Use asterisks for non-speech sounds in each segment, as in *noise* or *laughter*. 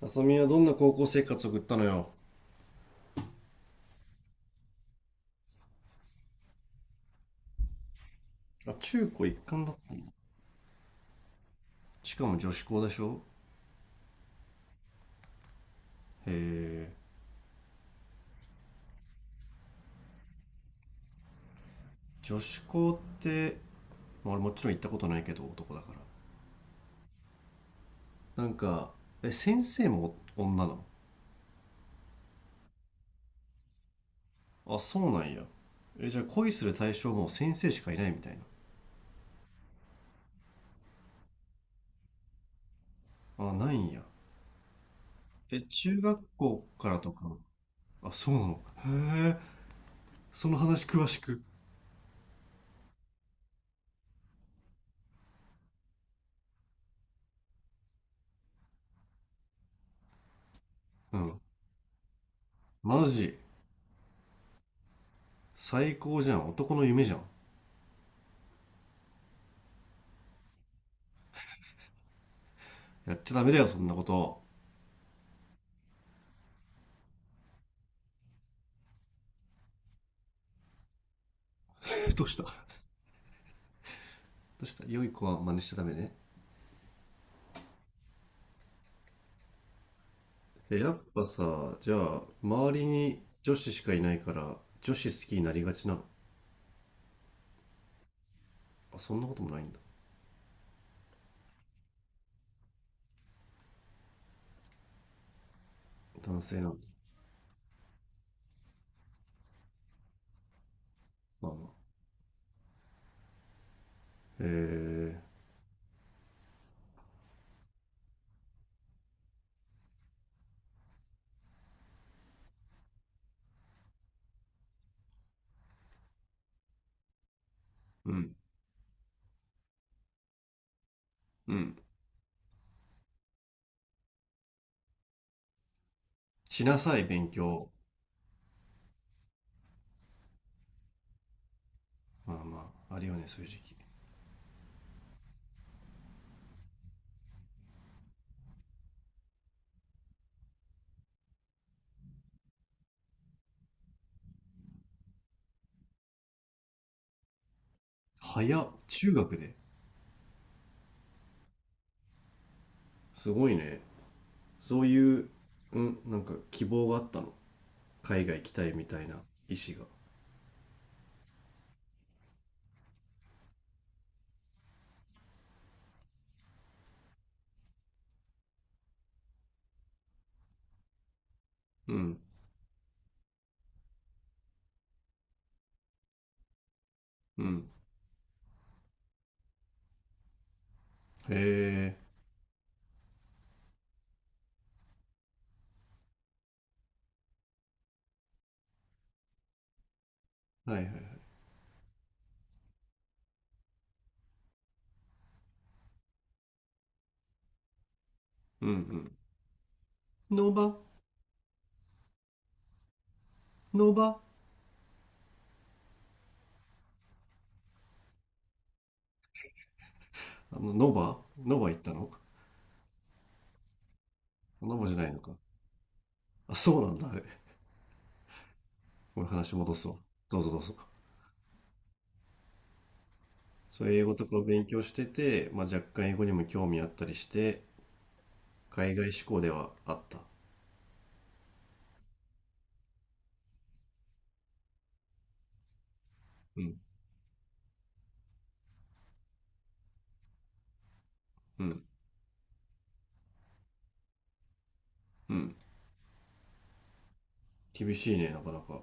あさみはどんな高校生活を送ったのよ。あ、中高一貫だった。しかも女子校でしょ？へえ。女子校って、まあ、俺もちろん行ったことないけど男だから。なんか、え、先生も女なの？あ、そうなんや。え、じゃあ恋する対象も先生しかいないみたいな。あ、ないんや。え、中学校からとか。あ、そうなの。へえ、その話詳しく。うん。マジ。最高じゃん。男の夢じゃん。やっちゃダメだよ、そんなこと。*laughs* どうした？としたら良い子は真似しちゃダメね。え、やっぱさ、じゃあ周りに女子しかいないから女子好きになりがちなの？あ、そんなこともないんだ。男性なんだ？まあまあ。へえ。うんうん。しなさい勉強。まあまあ、あるよね、そういう時期。早っ、中学で。すごいね。そういう。うん、なんか希望があったの？海外行きたいみたいな意思が。うんうん。へえ。はいはいはい。うんうん。ノーバ。ノーバ。あの、ノバ、ノバ行ったの？ノバじゃないのか。あ、そうなんだ、あれ。これ話戻すわ。どうぞどうぞ。そういう英語とかを勉強してて、まあ、若干英語にも興味あったりして、海外志向ではあった。うん、うん、うん。厳しいね、なかなか。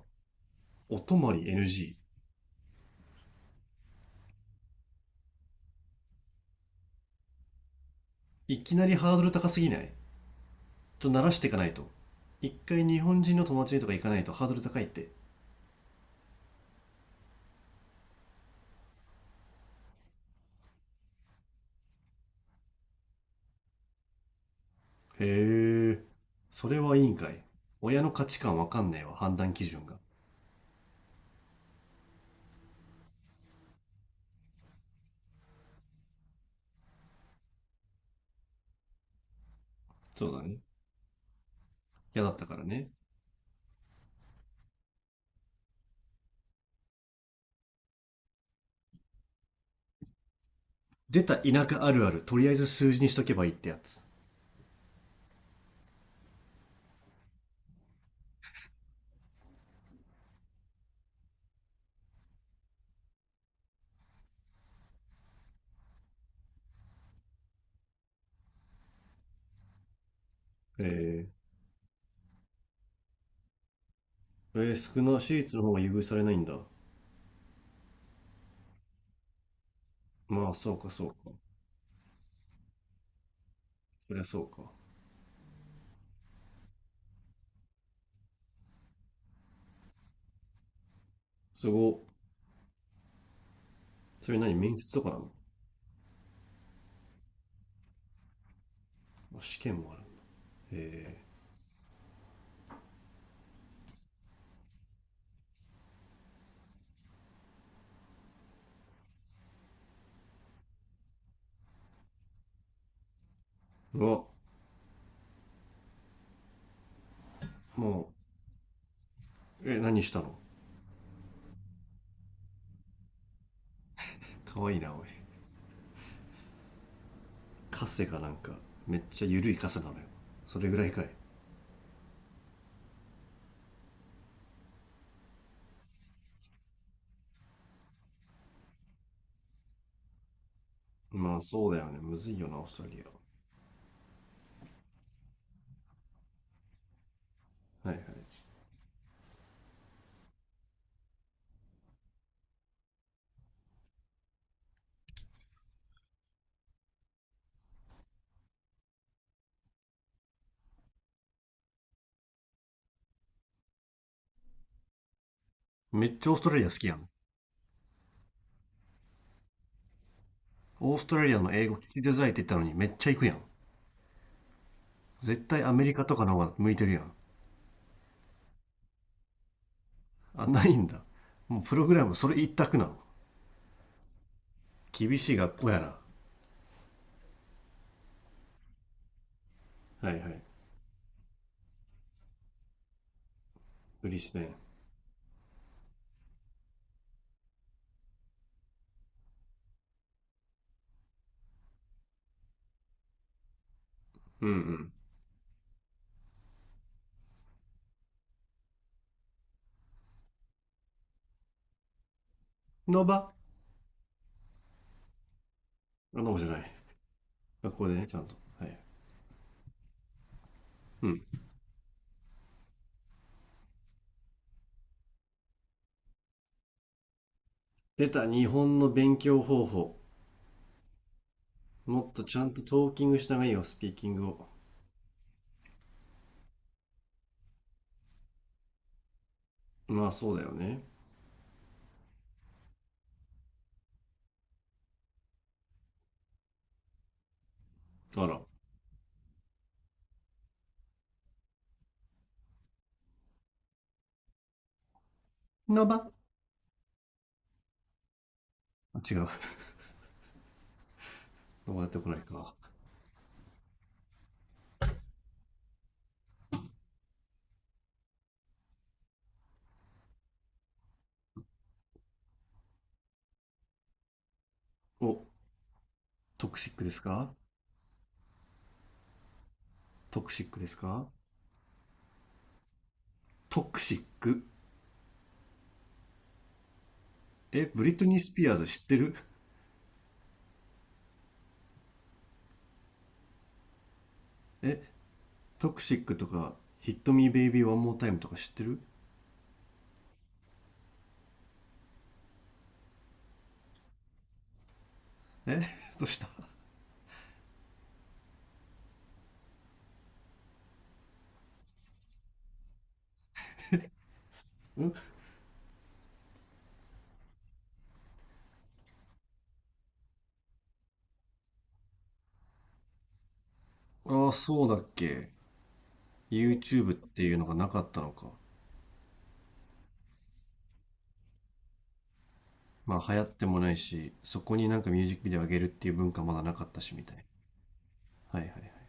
お泊まり NG。いきなりハードル高すぎない？ちょっと慣らしていかないと。一回日本人の友達にとか行かないとハードル高いって。へえ、それはいいんかい。親の価値観わかんねえわ、判断基準が。そうだね。嫌だったからね。出た田舎あるある、とりあえず数字にしとけばいいってやつ。えええー、少な、私立の方が優遇されないんだ。まあ、そうか、そうか。そりゃそうか。すご。それ何？面接とかなの？まあ試験もある。ええー。うわ、もう、え、何したの？かわいいな、おい。カセがなんか、めっちゃ緩いカセなのよ。それぐらいかい。まあ、そうだよね。むずいよな、オーストラリア。はいはい。めっちゃオーストラリア好きやん。オーストラリアの英語聞き出たいって言ったのにめっちゃ行くやん。絶対アメリカとかの方が向いてるやん。あ、ないんだ。もうプログラムそれ一択なの？厳しい学校やな。はいはい。ブリスベン。うんうん。ノバ。あ、ノバじゃない？学校でね、ちゃんと、はい。うん。出た日本の勉強方法。もっとちゃんとトーキングした方がいいよ、スピーキングを。まあ、そうだよね。あら。ノバ。あ、違う。ノバ出てこないか。お、トクシックですか？トクシックですか？トクシック。え、ブリトニー・スピアーズ知ってる？え、トクシックとかヒットミーベイビーワンモータイムとか知ってる？え？ *laughs* どうしたん？ああ、そうだっけ。YouTube っていうのがなかったのか。まあ流行ってもないし、そこになんかミュージックビデオ上げるっていう文化まだなかったしみたいな。はいはいはい。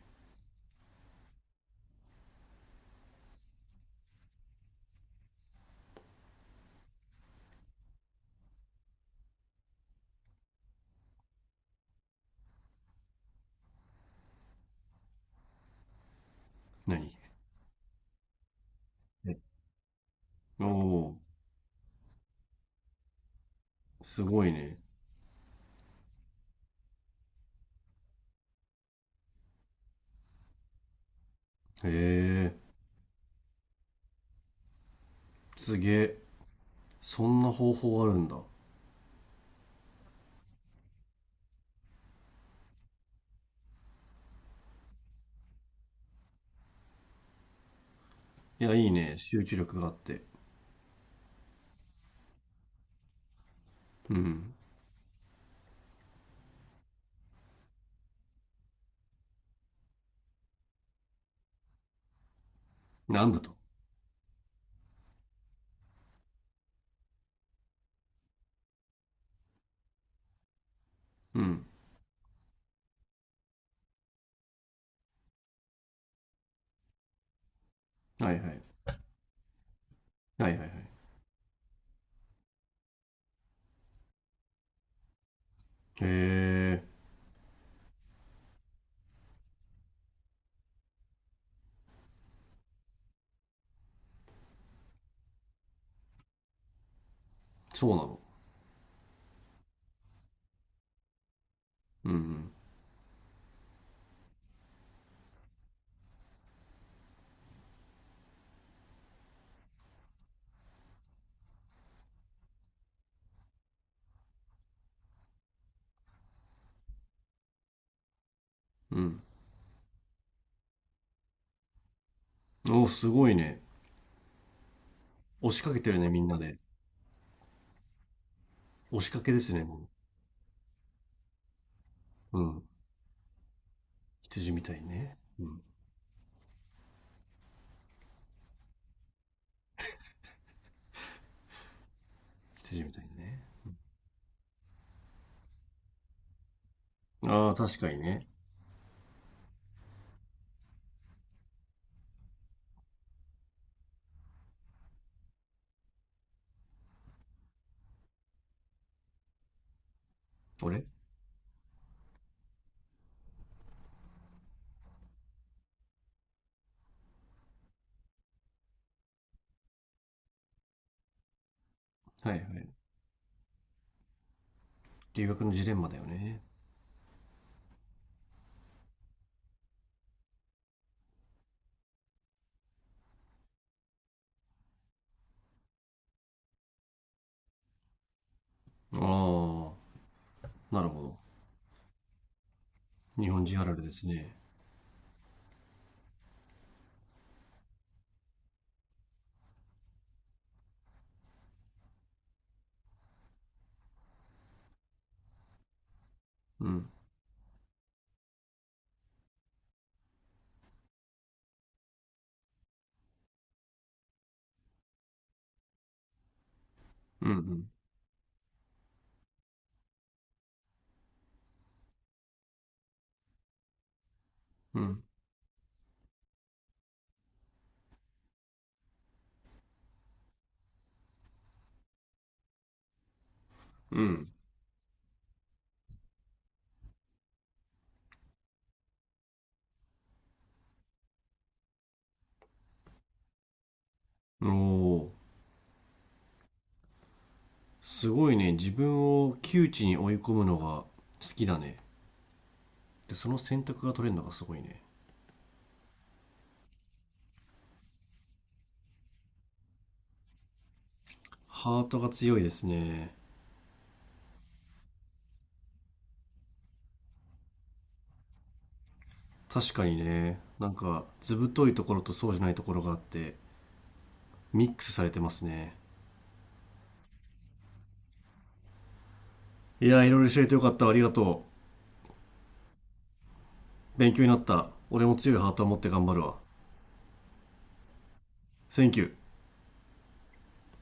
何？え、おおー、すごいね。へえ、すげえ。そんな方法あるんだ。いや、いいね。集中力があって。うん。なんだと。うん。はいはい。はいはいはい。へえ、そうなの。うんうん。うん。おお、すごいね。押しかけてるね、みんなで。押しかけですね、もう。うん。羊みたいね。うん。羊みたいね。ああ、確かにね。俺。はいはい。留学のジレンマだよね。ああ、なるほど。日本人あるあるですね。うん。うんうん。うん。うん。おお、すごいね。自分を窮地に追い込むのが好きだね。で、その選択が取れるのがすごいね。ハートが強いですね。確かにね。なんか、ずぶといところとそうじゃないところがあって、ミックスされてますね。いやー、いろいろ教えてよかった。ありがとう。勉強になった。俺も強いハートを持って頑張るわ。センキュー。